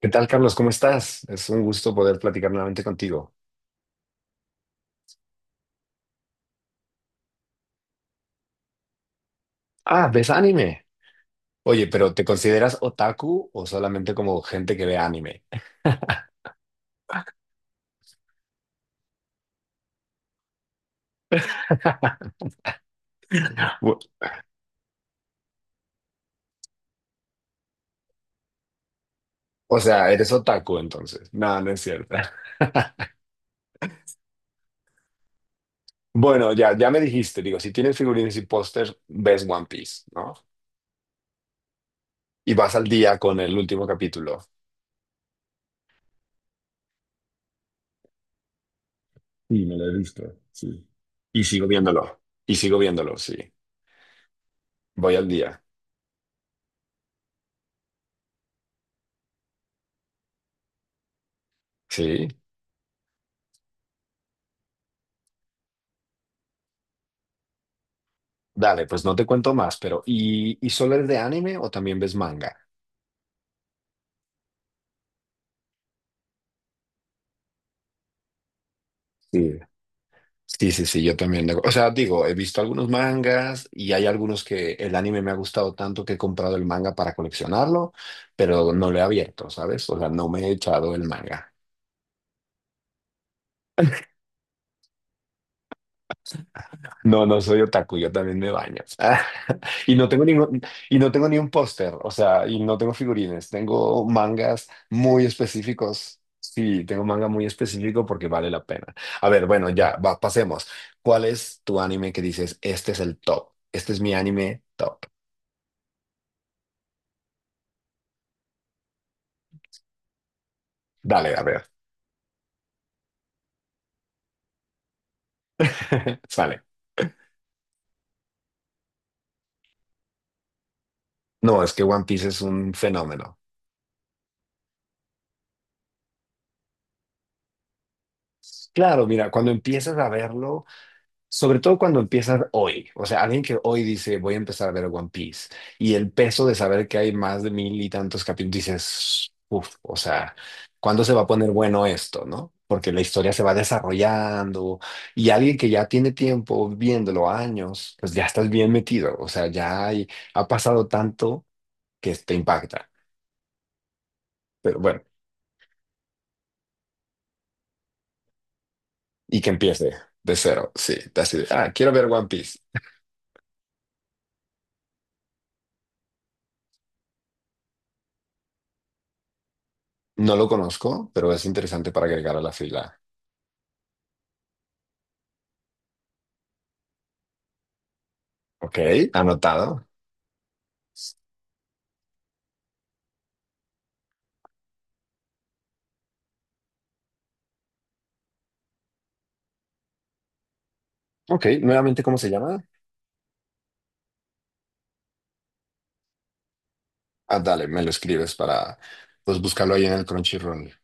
¿Qué tal, Carlos? ¿Cómo estás? Es un gusto poder platicar nuevamente contigo. Ah, ¿ves anime? Oye, pero ¿te consideras otaku o solamente como gente que ve anime? Bu- O sea, eres otaku entonces. No, no es cierto. Bueno, ya, ya me dijiste, digo, si tienes figurines y póster, ves One Piece, ¿no? Y vas al día con el último capítulo. Sí, me lo he visto, sí. Y sigo viéndolo. Y sigo viéndolo, sí. Voy al día. Sí. Dale, pues no te cuento más, pero ¿y solo eres de anime o también ves manga? Sí. Sí, sí, sí, yo también. O sea, digo, he visto algunos mangas y hay algunos que el anime me ha gustado tanto que he comprado el manga para coleccionarlo, pero no lo he abierto, ¿sabes? O sea, no me he echado el manga. No, no soy otaku, yo también me baño. Y no tengo ningún, y no tengo ni un póster, o sea, y no tengo figurines, tengo mangas muy específicos. Sí, tengo manga muy específico porque vale la pena. A ver, bueno, ya, va, pasemos. ¿Cuál es tu anime que dices, este es el top? Este es mi anime top. Dale, a ver. Sale. No, es que One Piece es un fenómeno. Claro, mira, cuando empiezas a verlo, sobre todo cuando empiezas hoy, o sea, alguien que hoy dice, voy a empezar a ver One Piece, y el peso de saber que hay más de mil y tantos capítulos, dices, uff, o sea, ¿cuándo se va a poner bueno esto, no? Porque la historia se va desarrollando y alguien que ya tiene tiempo viéndolo años, pues ya estás bien metido, o sea, ha pasado tanto que te impacta. Pero bueno. Y que empiece de cero, sí. de Así de, quiero ver One Piece. No lo conozco, pero es interesante para agregar a la fila. Ok, anotado. Ok, nuevamente, ¿cómo se llama? Ah, dale, me lo escribes para, pues, buscarlo ahí en el Crunchyroll.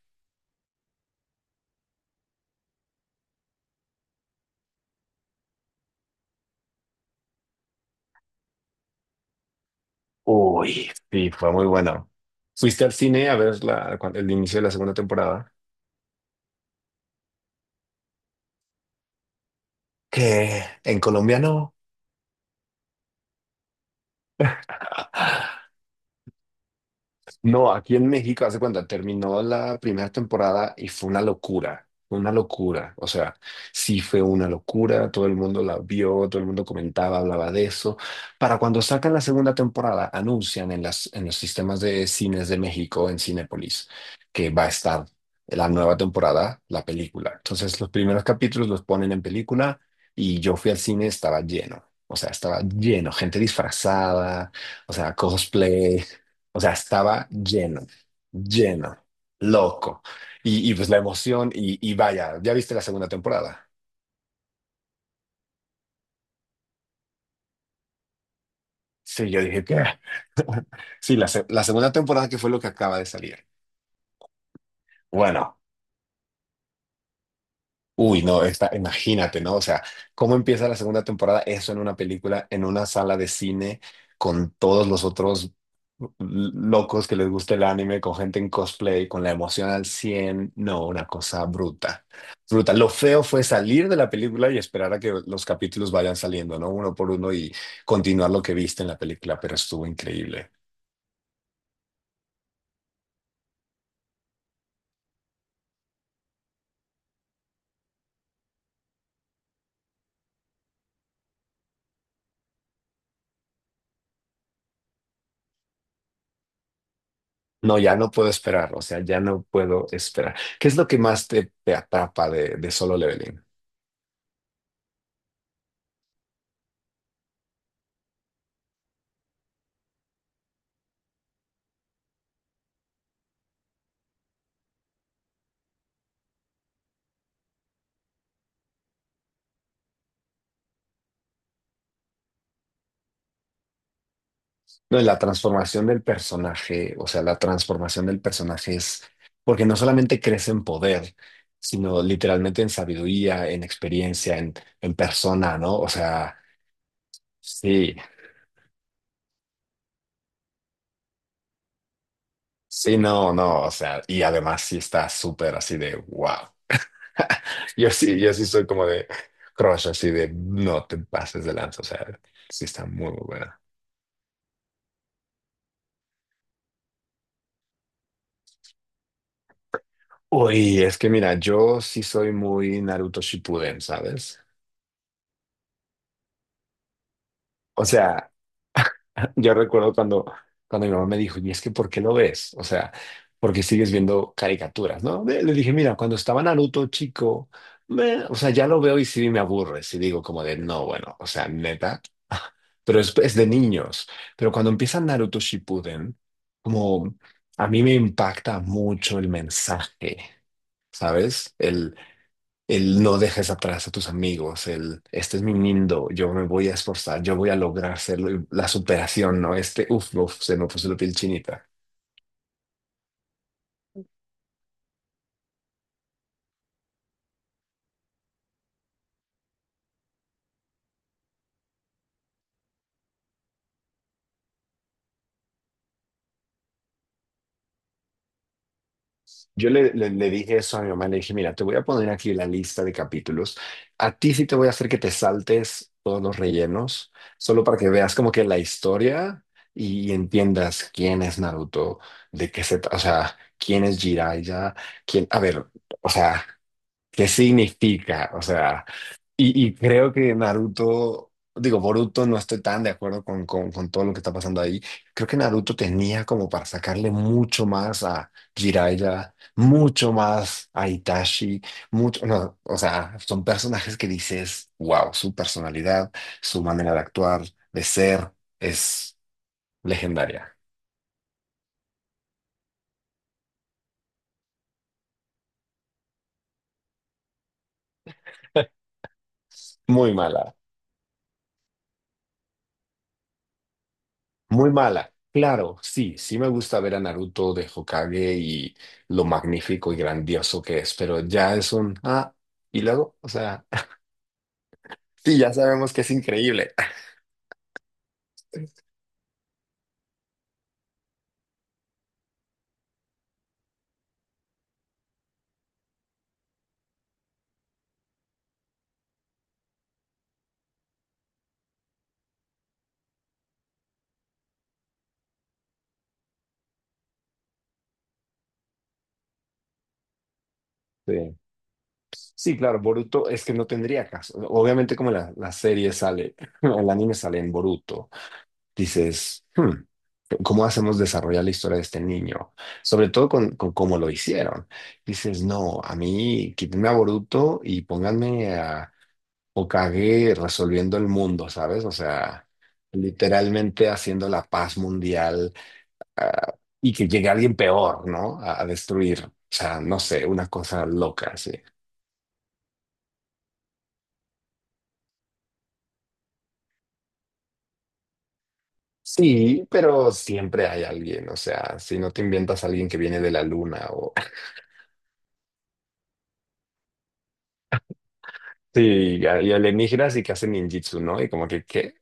Uy, sí, fue muy bueno. Fuiste al cine a ver el inicio de la segunda temporada. Que en Colombia no. No, aquí en México, hace cuando terminó la primera temporada y fue una locura, fue una locura. O sea, sí fue una locura, todo el mundo la vio, todo el mundo comentaba, hablaba de eso. Para cuando sacan la segunda temporada, anuncian en los sistemas de cines de México, en Cinépolis, que va a estar la nueva temporada, la película. Entonces, los primeros capítulos los ponen en película y yo fui al cine, estaba lleno. O sea, estaba lleno, gente disfrazada, o sea, cosplay. O sea, estaba lleno, lleno, loco. Y pues la emoción, y vaya, ¿ya viste la segunda temporada? Sí, yo dije que... Sí, la segunda temporada que fue lo que acaba de salir. Bueno. Uy, no, está, imagínate, ¿no? O sea, ¿cómo empieza la segunda temporada? Eso en una película, en una sala de cine, con todos los otros locos que les gusta el anime, con gente en cosplay, con la emoción al cien. No, una cosa bruta. Bruta. Lo feo fue salir de la película y esperar a que los capítulos vayan saliendo, ¿no? Uno por uno y continuar lo que viste en la película, pero estuvo increíble. No, ya no puedo esperar, o sea, ya no puedo esperar. ¿Qué es lo que más te atrapa de Solo Leveling? No, y la transformación del personaje, o sea, la transformación del personaje es porque no solamente crece en poder, sino literalmente en sabiduría, en experiencia, en persona, ¿no? O sea, sí, sí, no, no, o sea, y además sí está súper así de wow. Yo sí soy como de crush, así de no te pases de lanza, o sea, sí está muy, muy buena. Uy, es que mira, yo sí soy muy Naruto Shippuden, ¿sabes? O sea, yo recuerdo cuando mi mamá me dijo, ¿y es que por qué lo ves? O sea, porque sigues viendo caricaturas, ¿no? Le dije, mira, cuando estaba Naruto chico, o sea, ya lo veo y sí me aburre, sí digo como de, no, bueno, o sea, neta, pero es de niños. Pero cuando empieza Naruto Shippuden, como a mí me impacta mucho el mensaje. ¿Sabes? El no dejes atrás a tus amigos, el este es mi mundo, yo me voy a esforzar, yo voy a lograr hacerlo, y la superación, ¿no? Este, uff, uff, se me puso la piel chinita. Yo le dije eso a mi mamá, le dije, mira, te voy a poner aquí la lista de capítulos. A ti sí te voy a hacer que te saltes todos los rellenos, solo para que veas como que la historia y entiendas quién es Naruto, de qué o sea, quién es Jiraiya, quién, a ver, o sea, qué significa, o sea. Y creo que Naruto, digo, Boruto, no estoy tan de acuerdo con, todo lo que está pasando ahí. Creo que Naruto tenía como para sacarle mucho más a Jiraiya, mucho más a Itachi, mucho, no, o sea, son personajes que dices, wow, su personalidad, su manera de actuar, de ser, es legendaria. Muy mala. Muy mala. Claro, sí, sí me gusta ver a Naruto de Hokage y lo magnífico y grandioso que es, pero ya es un... Ah, y luego, o sea, sí, ya sabemos que es increíble. Sí. Sí, claro, Boruto es que no tendría caso. Obviamente como la serie sale, el anime sale en Boruto, dices, ¿cómo hacemos desarrollar la historia de este niño? Sobre todo con cómo lo hicieron. Dices, no, a mí quítenme a Boruto y pónganme a... o cagué resolviendo el mundo, ¿sabes? O sea, literalmente haciendo la paz mundial, ah, y que llegue alguien peor, ¿no? A destruir. O sea, no sé, una cosa loca, sí. Sí, pero siempre hay alguien, o sea, si no te inventas a alguien que viene de la luna o... Sí, y alienígenas y que hacen ninjitsu, ¿no? Y como que, ¿qué?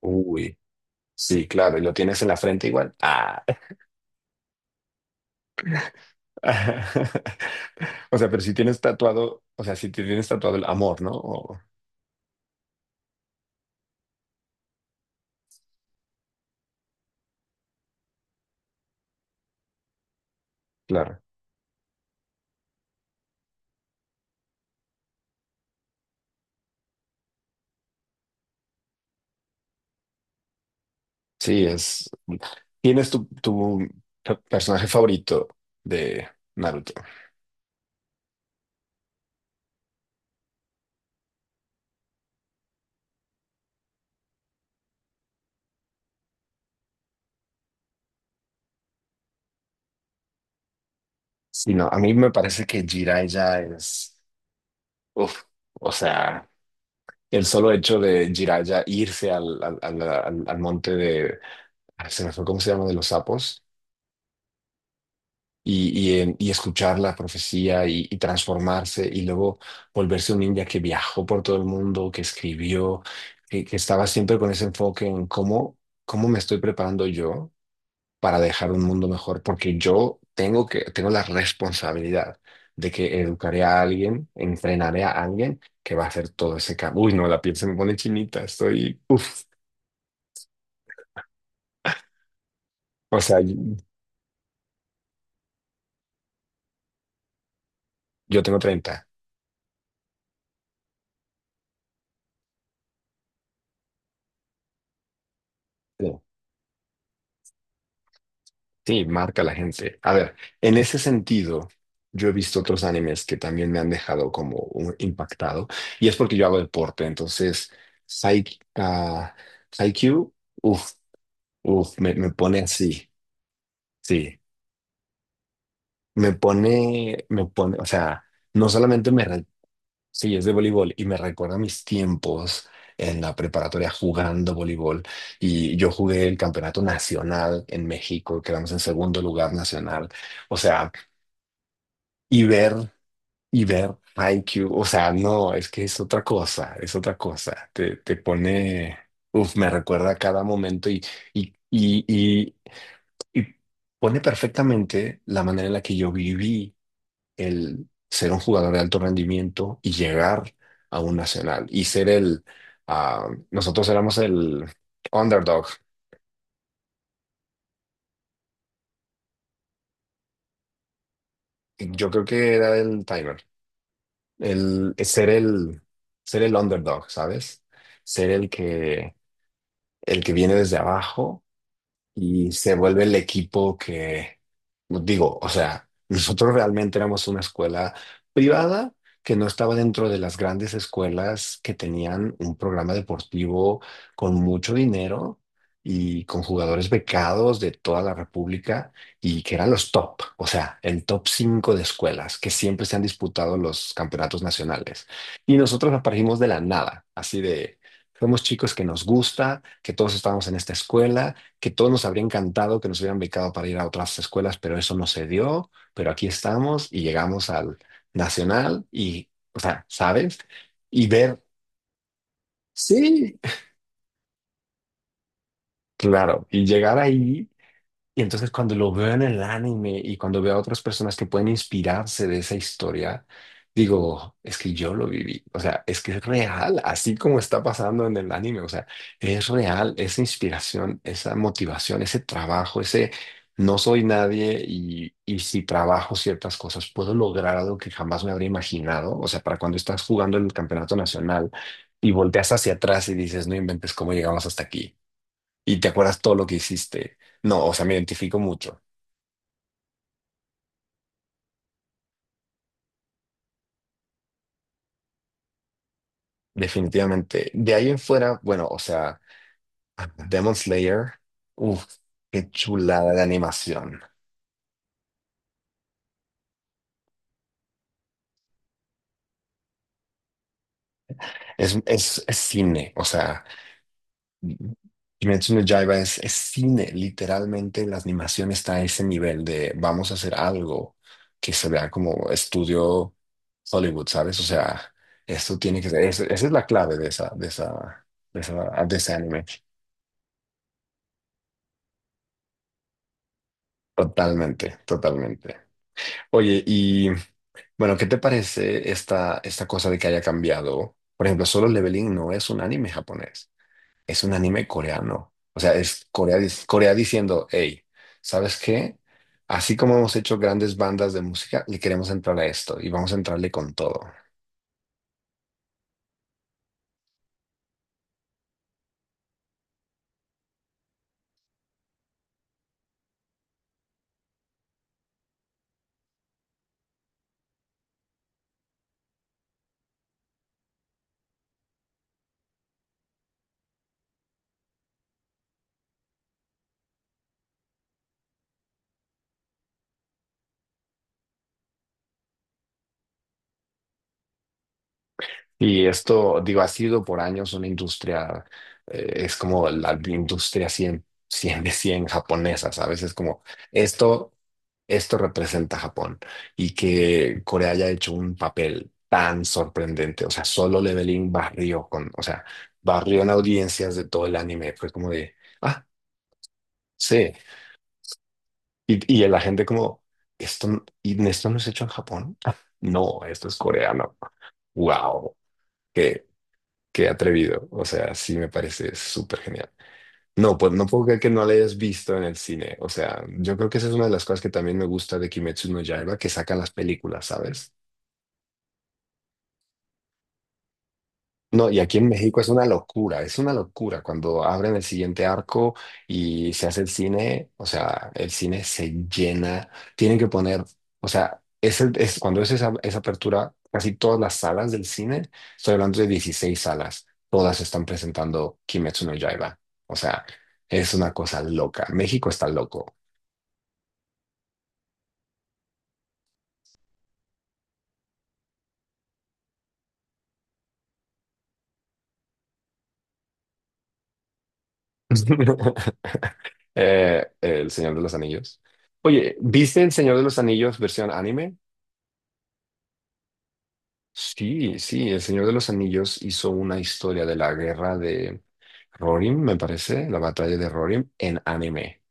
Uy, sí, claro, y lo tienes en la frente igual. Ah. O sea, pero si tienes tatuado, o sea, si te tienes tatuado el amor, ¿no? Claro. Sí, es... ¿Tienes tu personaje favorito de Naruto? Sí, no, a mí me parece que Jiraiya es... Uf, o sea, el solo hecho de Jiraiya irse al monte de... se me fue, ¿cómo se llama? De los sapos. Y escuchar la profecía y transformarse y luego volverse un ninja que viajó por todo el mundo, que escribió, que estaba siempre con ese enfoque en cómo me estoy preparando yo para dejar un mundo mejor, porque yo tengo la responsabilidad de que educaré a alguien, entrenaré a alguien que va a hacer todo ese cambio. Uy, no, la piel se me pone chinita, estoy, o sea, yo tengo 30. Sí, sí, marca la gente. A ver, en ese sentido, yo he visto otros animes que también me han dejado como impactado, y es porque yo hago deporte, entonces, Psy, ah, Haikyuu, uff, uff, me pone así, sí. Me pone, me pone, o sea, no solamente me, sí, es de voleibol y me recuerda mis tiempos en la preparatoria jugando voleibol y yo jugué el campeonato nacional en México, quedamos en segundo lugar nacional, o sea, y ver, y ver Haikyuu, o sea, no, es que es otra cosa, te pone, uf, me recuerda cada momento y, y, y y pone perfectamente la manera en la que yo viví el ser un jugador de alto rendimiento y llegar a un nacional y ser el, nosotros éramos el underdog. Yo creo que era el timer, el ser el underdog, ¿sabes? Ser el que viene desde abajo y se vuelve el equipo que, pues, digo, o sea, nosotros realmente éramos una escuela privada que no estaba dentro de las grandes escuelas que tenían un programa deportivo con mucho dinero y con jugadores becados de toda la República y que eran los top, o sea, el top 5 de escuelas que siempre se han disputado los campeonatos nacionales. Y nosotros aparecimos de la nada, así de, somos chicos que nos gusta, que todos estábamos en esta escuela que todos nos habría encantado que nos hubieran becado para ir a otras escuelas, pero eso no se dio, pero aquí estamos y llegamos al nacional y, o sea, ¿sabes? Y ver, sí, claro, y llegar ahí. Y entonces cuando lo veo en el anime y cuando veo a otras personas que pueden inspirarse de esa historia, digo, es que yo lo viví. O sea, es que es real, así como está pasando en el anime. O sea, es real esa inspiración, esa motivación, ese trabajo, ese no soy nadie y si trabajo ciertas cosas, puedo lograr algo que jamás me habría imaginado. O sea, para cuando estás jugando en el campeonato nacional y volteas hacia atrás y dices, no inventes cómo llegamos hasta aquí y te acuerdas todo lo que hiciste. No, o sea, me identifico mucho, definitivamente. De ahí en fuera, bueno, o sea, Demon Slayer, uff, qué chulada de animación. Es cine, o sea, Kimetsu no Yaiba es cine, literalmente la animación está a ese nivel de vamos a hacer algo que se vea como estudio Hollywood, ¿sabes? O sea, esto tiene que ser, esa es la clave de ese anime. Totalmente, totalmente. Oye, y bueno, ¿qué te parece esta cosa de que haya cambiado? Por ejemplo, Solo Leveling no es un anime japonés, es un anime coreano. O sea, es Corea, Corea diciendo, hey, ¿sabes qué? Así como hemos hecho grandes bandas de música, le queremos entrar a esto y vamos a entrarle con todo. Y esto, digo, ha sido por años una industria, es como la industria 100 100 de 100 japonesa, ¿sabes? Es como esto. Esto representa a Japón y que Corea haya hecho un papel tan sorprendente. O sea, Solo Leveling barrió con, o sea, barrió en audiencias de todo el anime. Fue como de, ah, sí. Y la gente como, esto, y esto no es hecho en Japón. Ah, no, esto es coreano. Wow, qué, qué atrevido. O sea, sí me parece súper genial. No, pues no puedo creer que no la hayas visto en el cine. O sea, yo creo que esa es una de las cosas que también me gusta de Kimetsu no Yaiba, que sacan las películas, ¿sabes? No, y aquí en México es una locura cuando abren el siguiente arco y se hace el cine, o sea, el cine se llena, tienen que poner, o sea, cuando es esa, apertura, casi todas las salas del cine, estoy hablando de 16 salas, todas están presentando Kimetsu no Yaiba, o sea, es una cosa loca, México está loco. El Señor de los Anillos. Oye, ¿viste El Señor de los Anillos versión anime? Sí, sí, El Señor de los Anillos hizo una historia de la guerra de Rohirrim, me parece, la batalla de Rohirrim, en anime.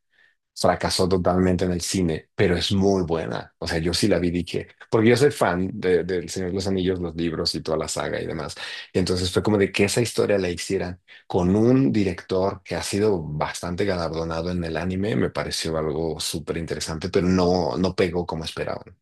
Fracasó totalmente en el cine, pero es muy buena. O sea, yo sí la vi, dije, porque yo soy fan del Señor de los Anillos, los libros y toda la saga y demás. Y entonces fue como de que esa historia la hicieran con un director que ha sido bastante galardonado en el anime, me pareció algo súper interesante, pero no, no pegó como esperaban.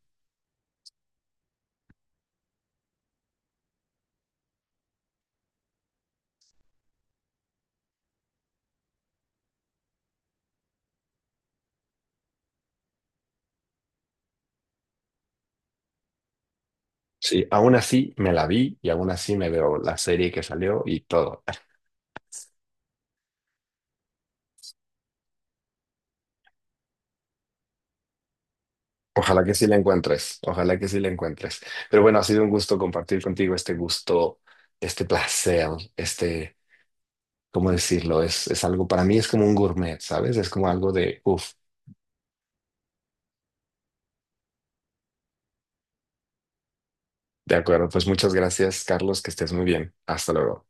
Sí, aún así me la vi y aún así me veo la serie que salió y todo. Ojalá que sí la encuentres, ojalá que sí la encuentres. Pero bueno, ha sido un gusto compartir contigo este gusto, este placer, este, ¿cómo decirlo? Es algo, para mí es como un gourmet, ¿sabes? Es como algo de, uff, de acuerdo. Pues muchas gracias, Carlos, que estés muy bien. Hasta luego.